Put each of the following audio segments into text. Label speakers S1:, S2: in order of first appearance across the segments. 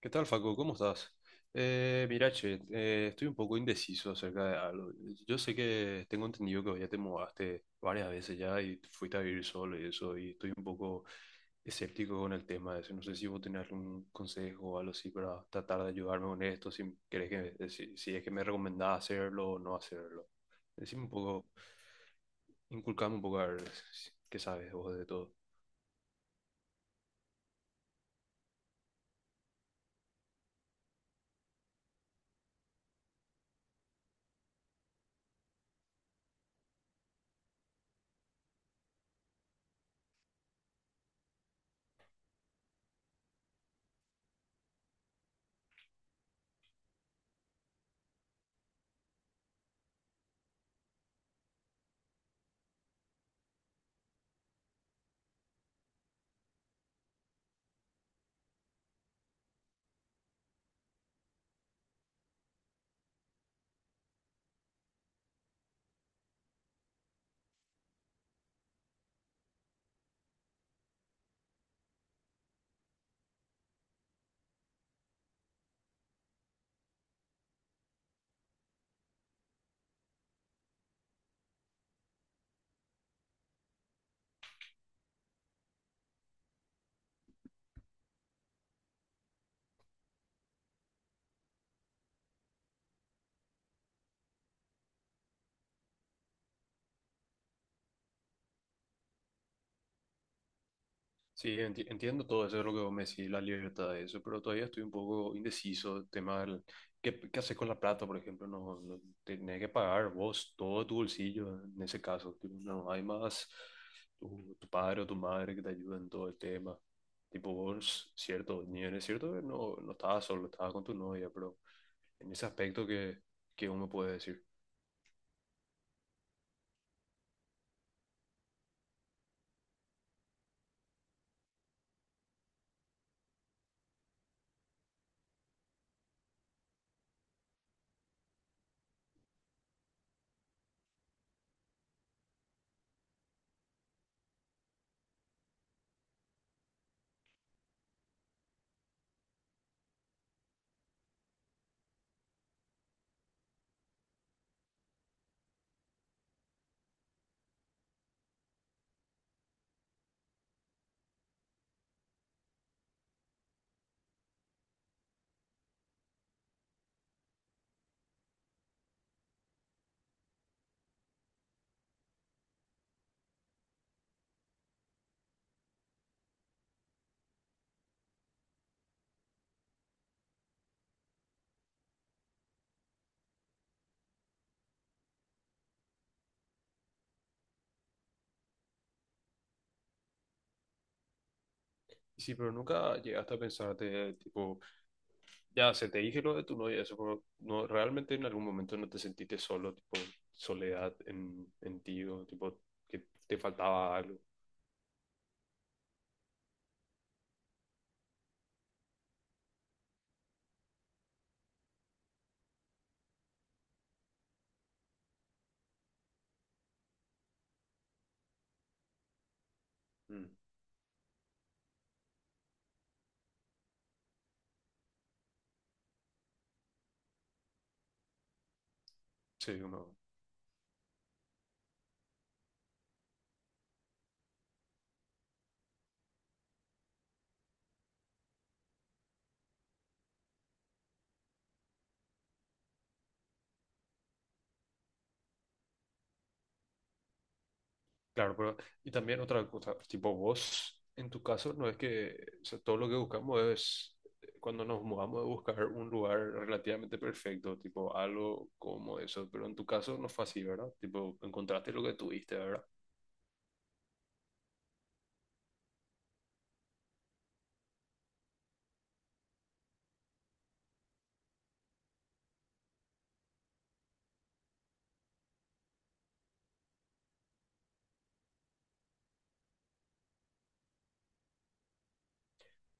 S1: ¿Qué tal, Facu? ¿Cómo estás? Mira, che, estoy un poco indeciso acerca de algo. Yo sé que tengo entendido que vos ya te mudaste varias veces ya y fuiste a vivir solo y eso, y estoy un poco escéptico con el tema de eso. No sé si vos tenés algún consejo o algo así para tratar de ayudarme con esto, si querés que, si, si es que me recomendás hacerlo o no hacerlo. Decime un poco, inculcame un poco a ver qué sabes vos de todo. Sí, entiendo todo eso, es lo que vos me decís, la libertad de eso, pero todavía estoy un poco indeciso, tema del, ¿qué, qué haces con la plata, por ejemplo? No, no, tenés que pagar vos todo tu bolsillo en ese caso, tipo, no hay más tu padre o tu madre que te ayuden en todo el tema, tipo vos, cierto, ni es cierto que no, no estabas solo, estabas con tu novia, pero en ese aspecto que uno puede decir. Y sí, pero nunca llegaste a pensarte, tipo... Ya, se te dije lo de tu novia, eso como, no, realmente en algún momento no te sentiste solo, tipo, soledad en ti, o tipo, que te faltaba algo. Mm, sí, uno, claro, pero, y también otra cosa, tipo, vos, en tu caso, no es que, o sea, todo lo que buscamos es, cuando nos mudamos, de buscar un lugar relativamente perfecto, tipo, algo como eso, pero en tu caso no fue así, ¿verdad? Tipo, encontraste lo que tuviste, ¿verdad?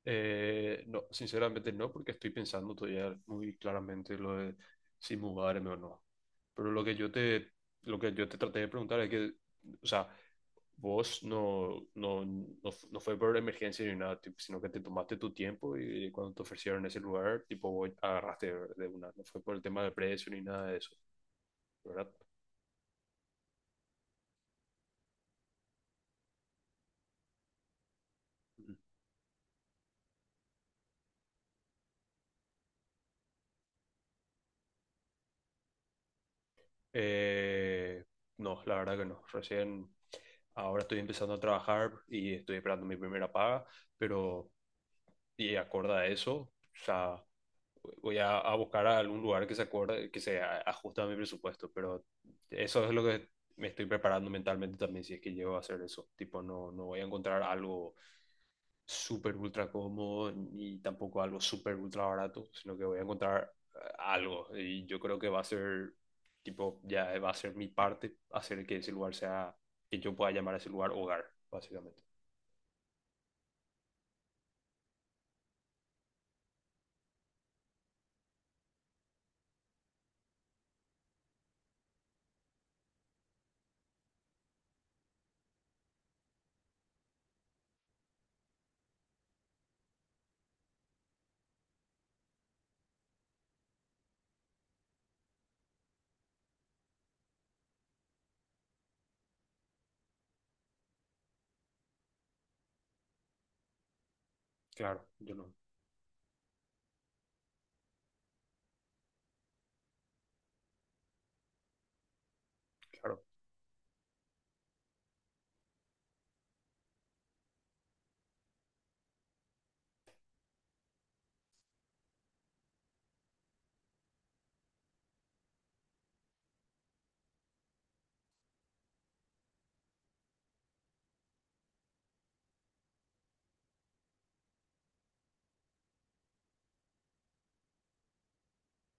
S1: No, sinceramente no, porque estoy pensando todavía muy claramente lo de si mudarme o no. Pero lo que yo te traté de preguntar es que, o sea, vos no, no, no fue por emergencia ni nada, tipo, sino que te tomaste tu tiempo y cuando te ofrecieron ese lugar, tipo, vos agarraste de una. No fue por el tema de precio ni nada de eso, ¿verdad? Ujú. Eh, no, la verdad que no. Recién, ahora estoy empezando a trabajar y estoy esperando mi primera paga, pero y acorde a eso, o sea, a buscar a algún lugar que se acorde, que ajuste a mi presupuesto, pero eso es lo que me estoy preparando mentalmente también si es que llego a hacer eso. Tipo, no, no voy a encontrar algo súper ultra cómodo ni tampoco algo súper ultra barato, sino que voy a encontrar algo y yo creo que va a ser, tipo, ya va a ser mi parte hacer que ese lugar sea, que yo pueda llamar a ese lugar hogar, básicamente. Claro, yo no, claro.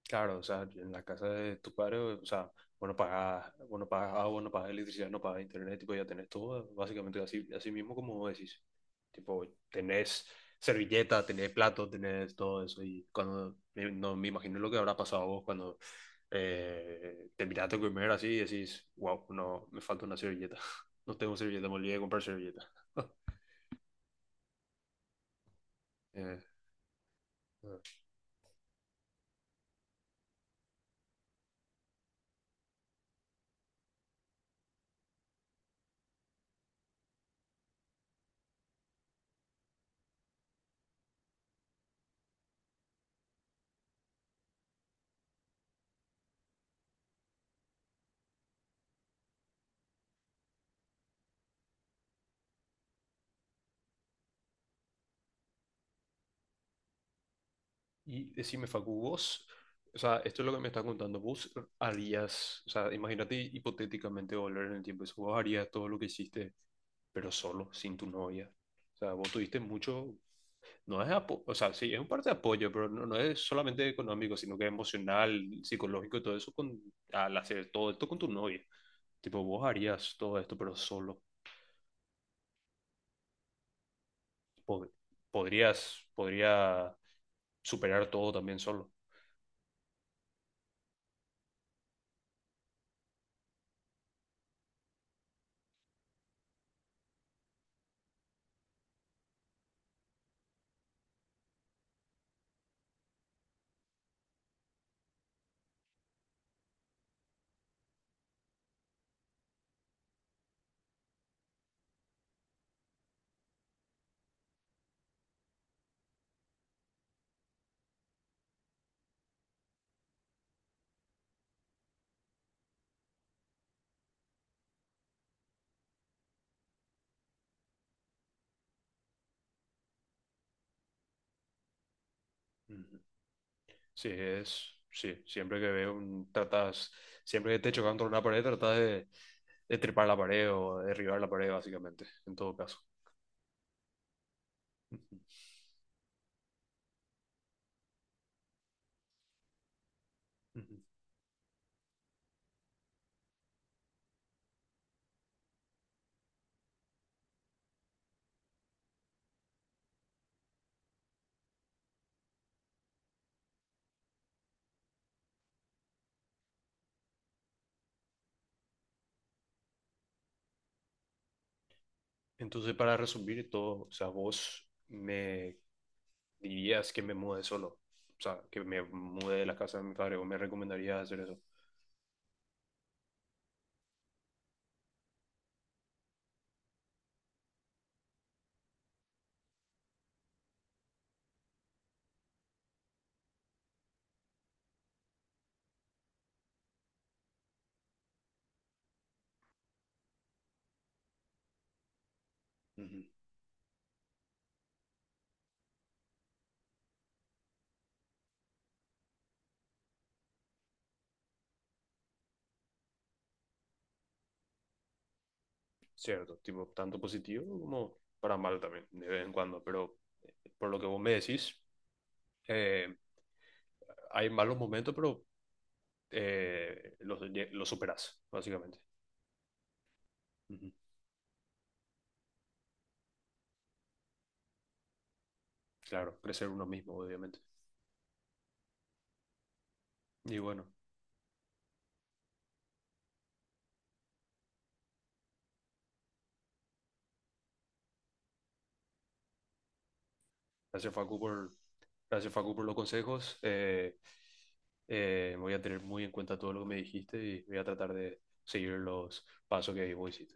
S1: Claro, o sea, en la casa de tu padre, o sea, bueno, pagas agua, no pagas electricidad, no pagas internet, tipo, ya tenés todo, básicamente así, así mismo como vos decís. Tipo, tenés servilleta, tenés plato, tenés todo eso. Y cuando, no me imagino lo que habrá pasado a vos cuando te miraste a comer así y decís, wow, no, me falta una servilleta. No tengo servilleta, me olvidé de comprar servilleta. Eh, Y decime, Facu, vos, o sea, esto es lo que me estás contando, vos harías, o sea, imagínate hipotéticamente volver en el tiempo, eso, vos harías todo lo que hiciste, pero solo, sin tu novia. O sea, vos tuviste mucho, no es apo- o sea, sí, es un parte de apoyo, pero no, no es solamente económico, sino que emocional, psicológico y todo eso, con, al hacer todo esto con tu novia. Tipo, vos harías todo esto, pero solo. Pod- Podrías, podría superar todo también solo. Sí, es, sí, siempre que veo un, tratas, siempre que te chocas contra una pared, tratas de trepar la pared o derribar la pared, básicamente, en todo caso. Ujú, ujú. Entonces, para resumir todo, o sea, vos me dirías que me mude solo, o sea, que me mude de la casa de mi padre, o me recomendarías hacer eso. Ujú. Cierto, tipo, tanto positivo como para mal también, de vez en cuando, pero por lo que vos me decís, eh, hay malos momentos, pero eh, los, los superás, básicamente. Ujú. Claro, crecer uno mismo, obviamente. Y bueno, gracias Facu por, gracias Facu por los consejos. Voy a tener muy en cuenta todo lo que me dijiste y voy a tratar de seguir los pasos que vos hiciste.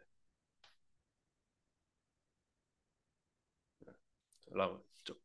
S1: Hablamos. Chau.